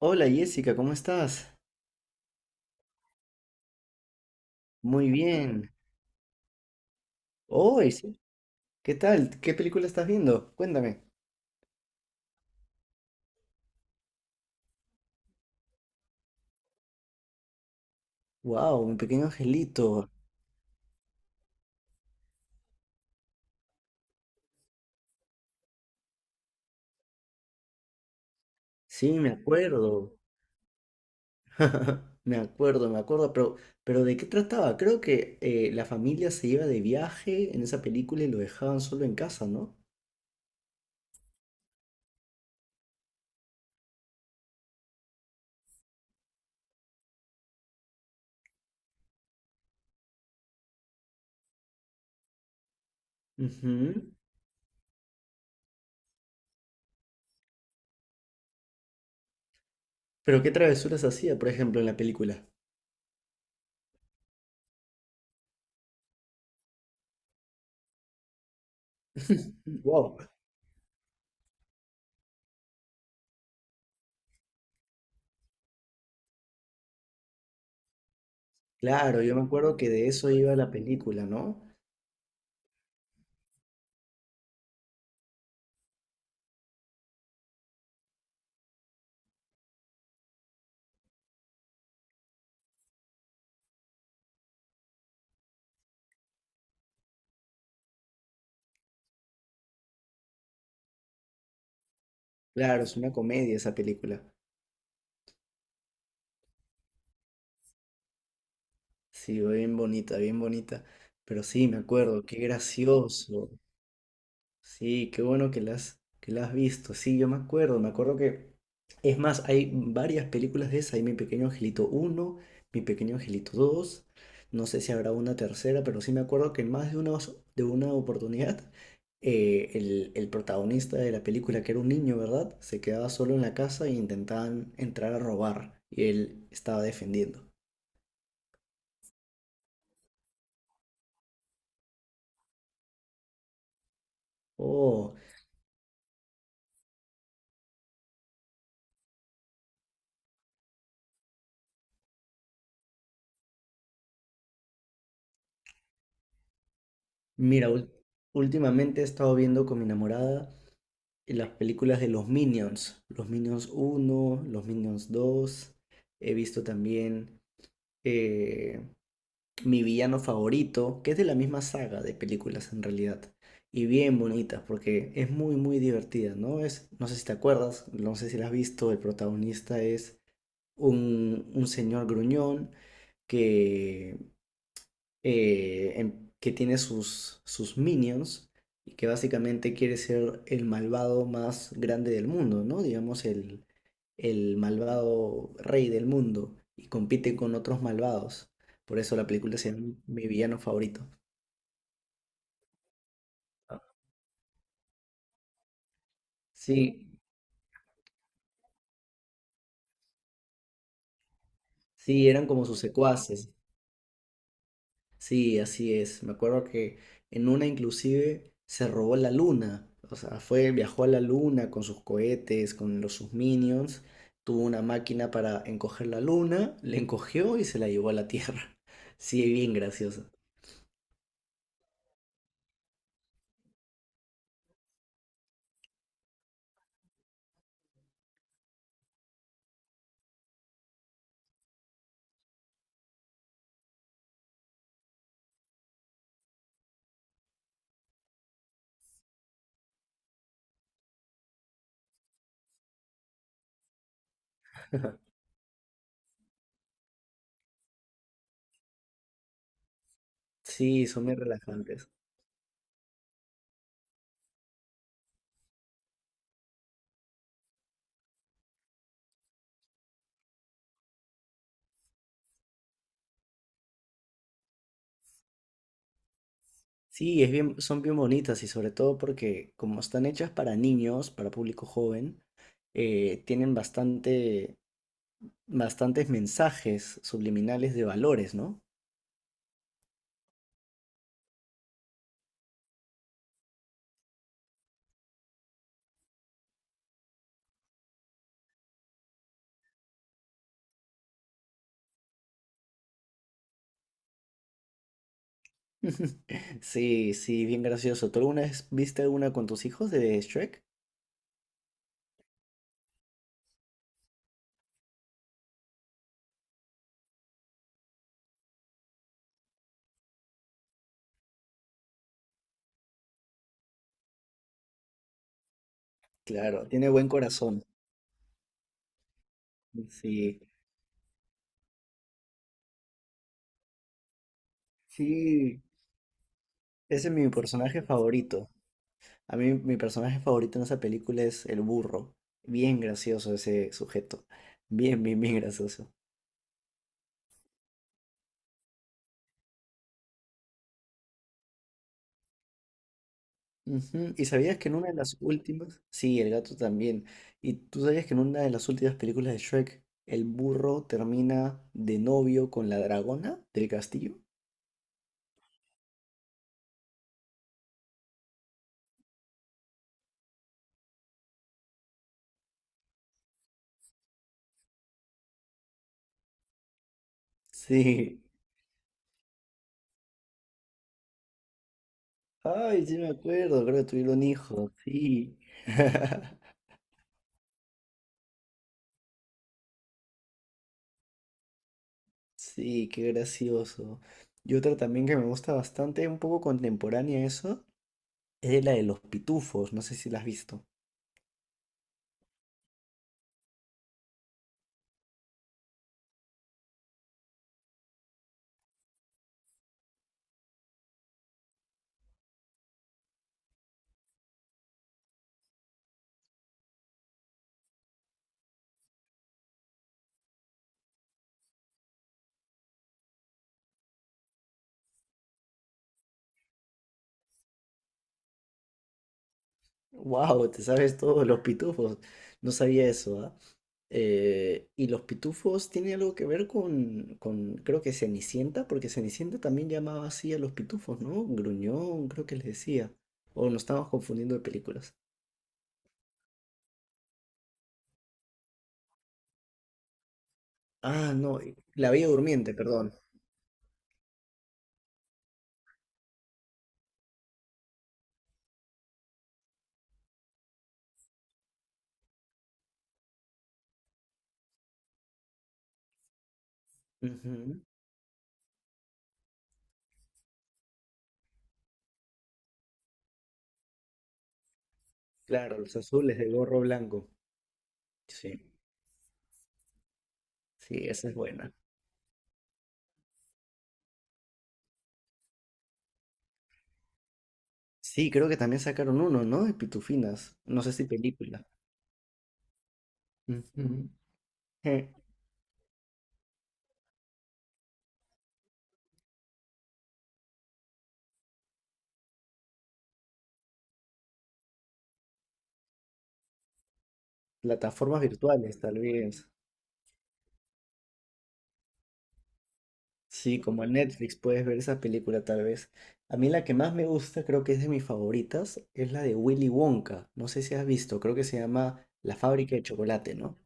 Hola Jessica, ¿cómo estás? Muy bien. Oh, sí, ¿Qué tal? ¿Qué película estás viendo? Cuéntame. Wow, mi pequeño angelito. Sí, me acuerdo. Me acuerdo, pero ¿de qué trataba? Creo que la familia se iba de viaje en esa película y lo dejaban solo en casa, ¿no? Ujú. Pero ¿qué travesuras hacía, por ejemplo, en la película? Wow. Claro, yo me acuerdo que de eso iba la película, ¿no? Claro, es una comedia esa película. Sí, bien bonita, bien bonita. Pero sí, me acuerdo, qué gracioso. Sí, qué bueno que que la has visto. Sí, yo me acuerdo que... Es más, hay varias películas de esa. Hay Mi Pequeño Angelito uno, Mi Pequeño Angelito dos. No sé si habrá una tercera, pero sí me acuerdo que en más de una, de una oportunidad, el protagonista de la película, que era un niño, ¿verdad? Se quedaba solo en la casa e intentaban entrar a robar. Y él estaba defendiendo. Oh. Mira, últimamente he estado viendo con mi enamorada las películas de los Minions uno, los Minions dos. He visto también eh, mi villano favorito, que es de la misma saga de películas en realidad, y bien bonitas porque es muy, muy divertida, ¿no? Es, no sé si te acuerdas, no sé si la has visto, el protagonista es un señor gruñón que que tiene sus minions y que básicamente quiere ser el malvado más grande del mundo, ¿no? Digamos, el malvado rey del mundo y compite con otros malvados. Por eso la película se llama Mi villano favorito. Sí, sí, eran como sus secuaces. Sí, así es. Me acuerdo que en una inclusive se robó la luna. O sea, fue, viajó a la luna con sus cohetes, con los sus minions. Tuvo una máquina para encoger la luna, la encogió y se la llevó a la Tierra. Sí, bien graciosa. Sí, son bien relajantes. Sí, es bien, son bien bonitas y sobre todo porque como están hechas para niños, para público joven, eh, tienen bastante, bastantes mensajes subliminales de valores, ¿no? Sí, sí, bien gracioso. ¿Tú alguna vez viste una con tus hijos de Shrek? Claro, tiene buen corazón. Sí, sí, ese es mi personaje favorito. A mí mi personaje favorito en esa película es el burro. Bien gracioso ese sujeto. Bien, gracioso. Ujú, ¿Y sabías que en una de las últimas? Sí, el gato también. ¿Y tú sabías que en una de las últimas películas de Shrek, el burro termina de novio con la dragona del castillo? Sí. Ay, sí me acuerdo, creo que tuvieron hijos, sí. Sí, qué gracioso. Y otra también que me gusta bastante, un poco contemporánea a eso, es la de los pitufos, no sé si la has visto. Wow, te sabes todo los pitufos. No sabía eso, ¿ah? Y los pitufos tiene algo que ver con, creo que Cenicienta, porque Cenicienta también llamaba así a los pitufos, ¿no? Gruñón, creo que les decía. O nos estamos confundiendo de películas. Ah, no, La Bella Durmiente, perdón. Ujú, Claro, los azules de gorro blanco. Sí. Sí, esa es buena. Sí, creo que también sacaron uno, ¿no? De Pitufinas. No sé si película. Ujú. Eh, Plataformas virtuales, tal vez. Sí, como en Netflix puedes ver esa película, tal vez. A mí la que más me gusta, creo que es de mis favoritas, es la de Willy Wonka. No sé si has visto, creo que se llama La fábrica de chocolate, ¿no?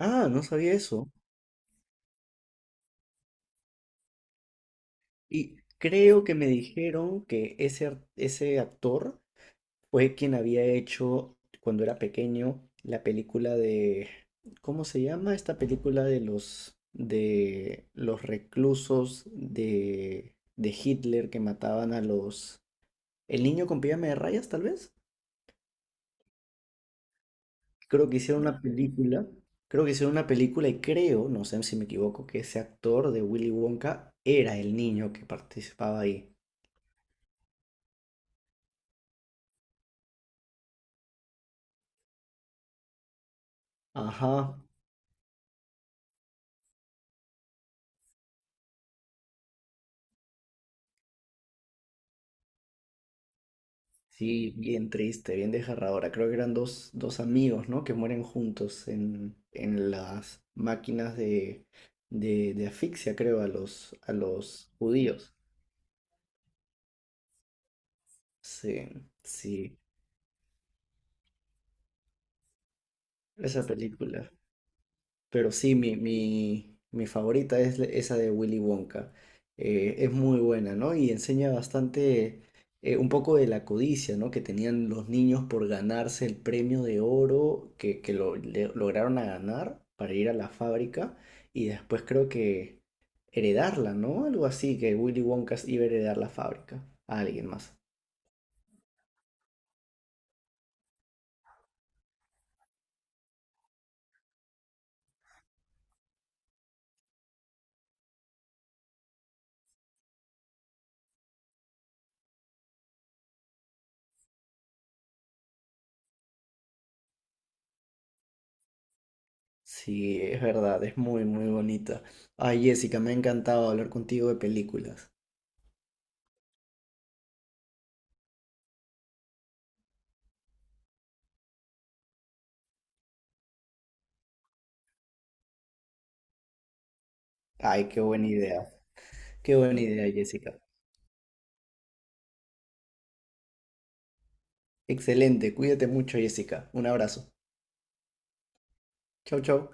Ah, no sabía eso. Y creo que me dijeron que ese actor fue quien había hecho cuando era pequeño la película de, ¿cómo se llama esta película de los reclusos de Hitler que mataban a los El niño con pijama de rayas, tal vez? Creo que hicieron una película, Creo que hicieron una película y creo, no sé si me equivoco, que ese actor de Willy Wonka era el niño que participaba ahí. Ajá. Sí, bien triste, bien desgarradora. Creo que eran dos, dos amigos, ¿no? Que mueren juntos en las máquinas de asfixia, creo, a a los judíos. Sí, sí, esa película. Pero sí, mi favorita es esa de Willy Wonka. Es muy buena, ¿no? Y enseña bastante un poco de la codicia, ¿no? Que tenían los niños por ganarse el premio de oro que lograron a ganar para ir a la fábrica y después creo que heredarla, ¿no? Algo así, que Willy Wonka iba a heredar la fábrica a alguien más. Sí, es verdad, es muy, muy bonita. Ay, Jessica, me ha encantado hablar contigo de películas. Ay, qué buena idea. Qué buena idea, Jessica. Excelente. Cuídate mucho, Jessica. Un abrazo. Chau, chau.